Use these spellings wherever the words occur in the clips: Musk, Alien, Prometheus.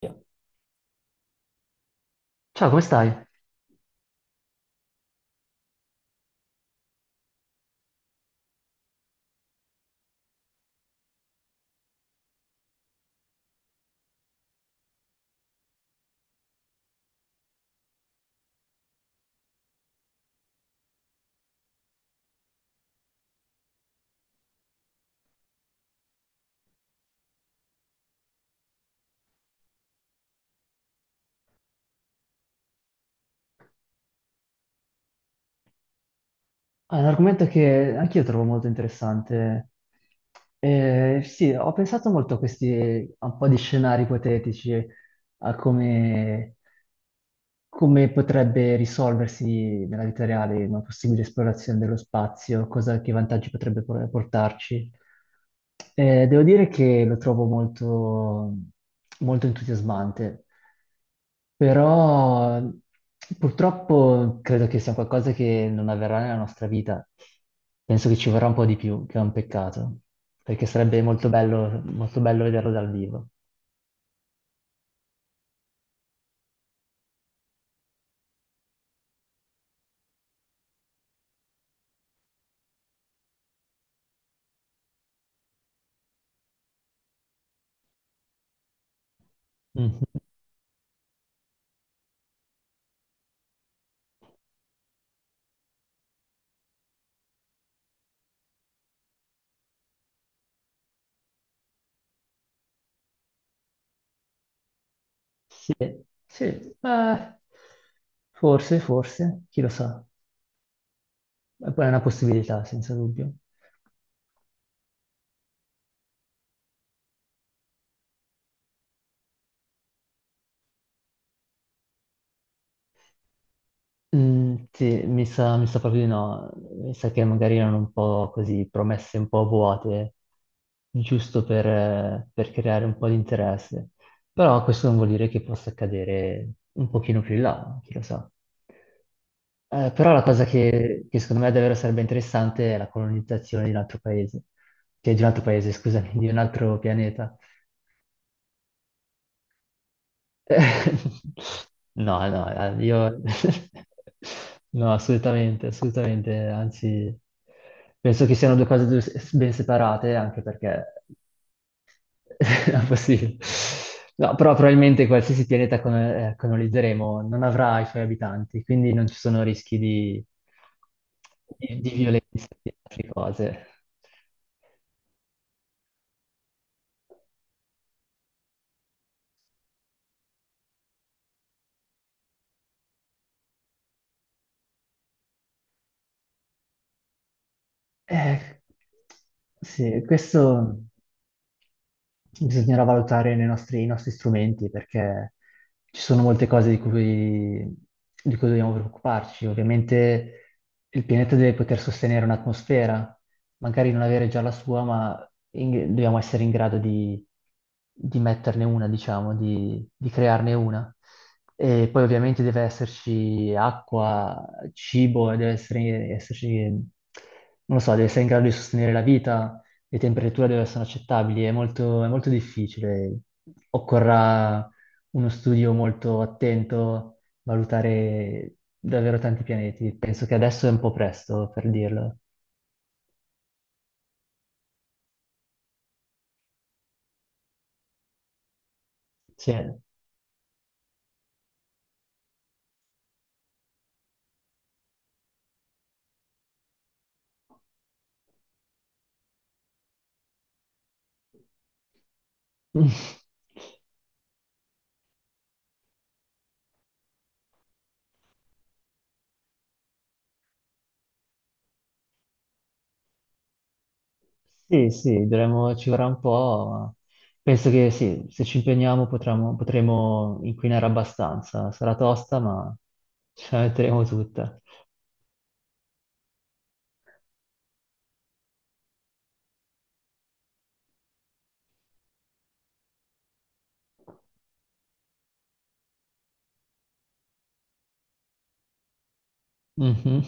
Via. Ciao, come stai? Ah, è un argomento che anch'io trovo molto interessante. Sì, ho pensato molto a un po' di scenari ipotetici, a come, come potrebbe risolversi nella vita reale una possibile esplorazione dello spazio, cosa, che vantaggi portarci. Devo dire che lo trovo molto entusiasmante, però purtroppo credo che sia qualcosa che non avverrà nella nostra vita. Penso che ci vorrà un po' di più, che è un peccato, perché sarebbe molto bello vederlo dal vivo. Mhm. Sì, ma forse, chi lo sa. È poi è una possibilità, senza dubbio. Mm, sì, mi sa proprio di no. Mi sa che magari erano un po' così promesse un po' vuote, giusto per creare un po' di interesse. Però questo non vuol dire che possa accadere un pochino più in là, chi lo sa. Però la cosa che secondo me davvero sarebbe interessante è la colonizzazione di un altro paese, cioè di un altro paese, scusami, di un altro pianeta. No, io no, assolutamente, assolutamente, anzi, penso che siano ben separate, anche perché è possibile. No, però probabilmente qualsiasi colonizzeremo non avrà i suoi abitanti, quindi non ci sono di violenza e di altre cose. Eh, sì, questo. Bisognerà valutare i nostri strumenti perché ci sono molte di cui dobbiamo preoccuparci. Ovviamente il pianeta deve poter sostenere un'atmosfera, magari non avere già la sua, dobbiamo essere in grado di metterne una, di crearne una. E poi ovviamente deve esserci acqua, cibo, e esserci, non lo so, deve essere in grado di sostenere la vita, le temperature dove sono accettabili, è è molto difficile. Occorrerà uno studio molto attento, valutare davvero tanti pianeti. Penso che adesso è un po' presto per dirlo. Sì, sì, sì, ci vorrà un po', ma penso che sì, se ci impegniamo potremo inquinare abbastanza. Sarà tosta, ma ce la metteremo tutta. Mhm.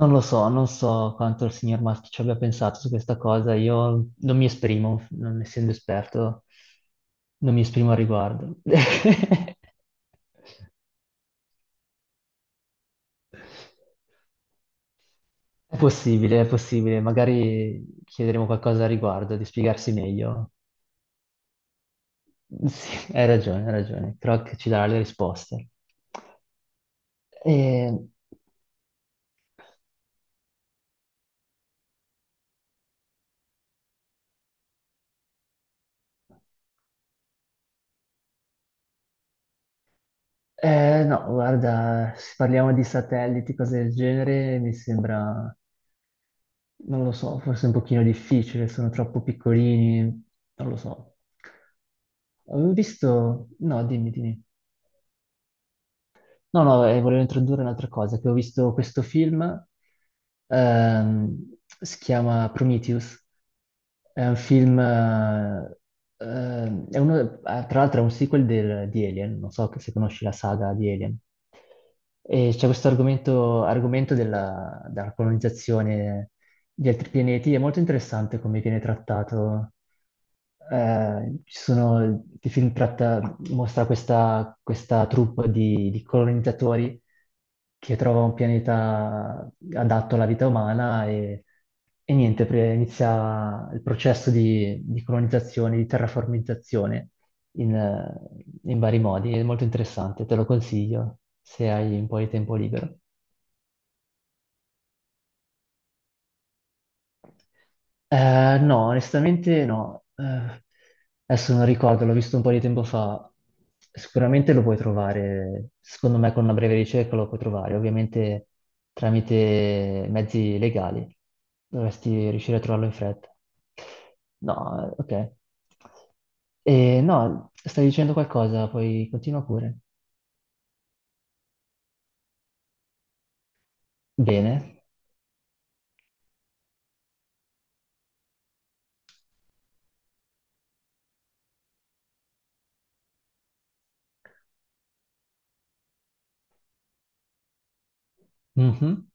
Non lo so, non so quanto il signor Musk ci abbia pensato su questa cosa, io non mi esprimo, non essendo esperto, non mi esprimo al riguardo. È possibile, magari chiederemo qualcosa al riguardo, di spiegarsi meglio. Sì, hai ragione, Croc ci darà le risposte. E- no, guarda, se parliamo di satelliti, cose del genere, mi sembra... Non lo so, forse è un pochino difficile, sono troppo piccolini, non lo so. Avevo visto... No, dimmi, dimmi. No, no, volevo introdurre un'altra cosa, che ho visto questo film, si chiama Prometheus, è un ehm, è uno- eh, tra l'altro è un di Alien, non so se conosci la saga di Alien, e c'è questo argomento, argomento della colonizzazione di altri pianeti, è molto interessante come viene trattato eh, ci sono, il film tratta, mostra questa troupe di colonizzatori che trova un pianeta adatto alla vita umana e niente, inizia il processo di colonizzazione, di terraformizzazione in, eh, in vari modi. È molto interessante, te lo consiglio se hai un po' di tempo libero. No, onestamente no. Adesso non ricordo, l'ho visto un po' di tempo fa. Sicuramente lo puoi trovare, secondo me con una breve ricerca lo puoi trovare, ovviamente tramite mezzi legali. Dovresti riuscire a trovarlo in fretta. No, ok. E, no, stai dicendo qualcosa, poi continua pure. Bene. Mhm.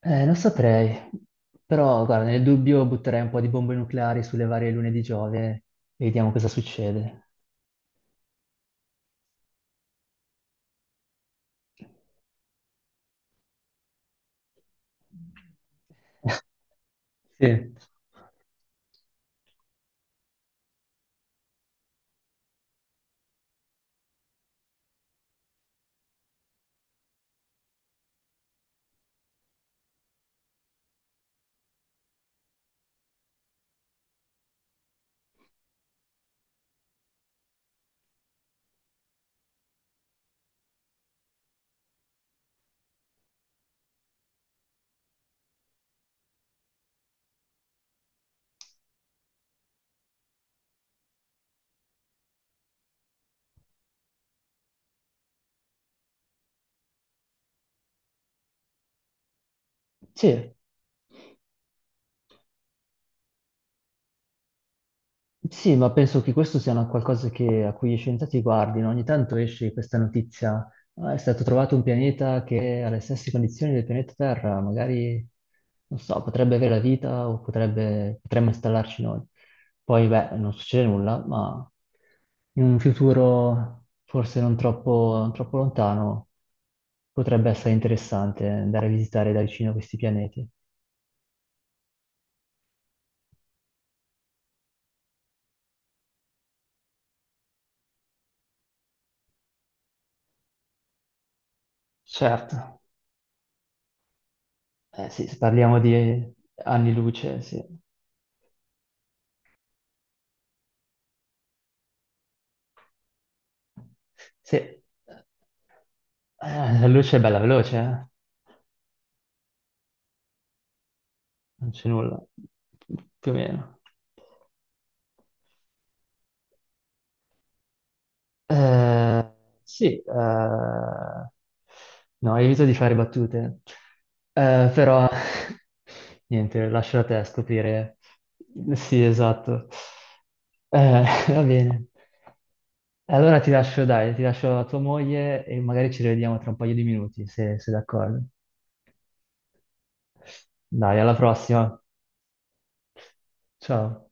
Non saprei, però guarda, nel dubbio butterei un po' di bombe nucleari sulle varie lune di Giove e vediamo cosa succede. Sì. Sì. Sì, ma penso che questo sia una a cui gli scienziati guardino. Ogni tanto esce questa notizia. "Ah, è stato trovato un pianeta che ha le stesse condizioni del pianeta Terra, magari, non so, potrebbe avere la vita o potrebbe, potremmo installarci noi. Poi, beh, non succede nulla, ma in un futuro forse non troppo lontano potrebbe essere interessante andare a visitare da vicino questi pianeti. Certo. Eh sì, se parliamo di anni luce, sì. Sì, eh, la luce è bella veloce, eh? Non c'è nulla, più o meno. Eh, sì, eh, no, evito di fare battute, eh, però niente, lascio a te scoprire. Sì, esatto. Eh, va bene. Allora ti lascio, dai, ti lascio a tua moglie e magari ci rivediamo tra un paio di minuti, se se d'accordo. Dai, alla prossima. Ciao.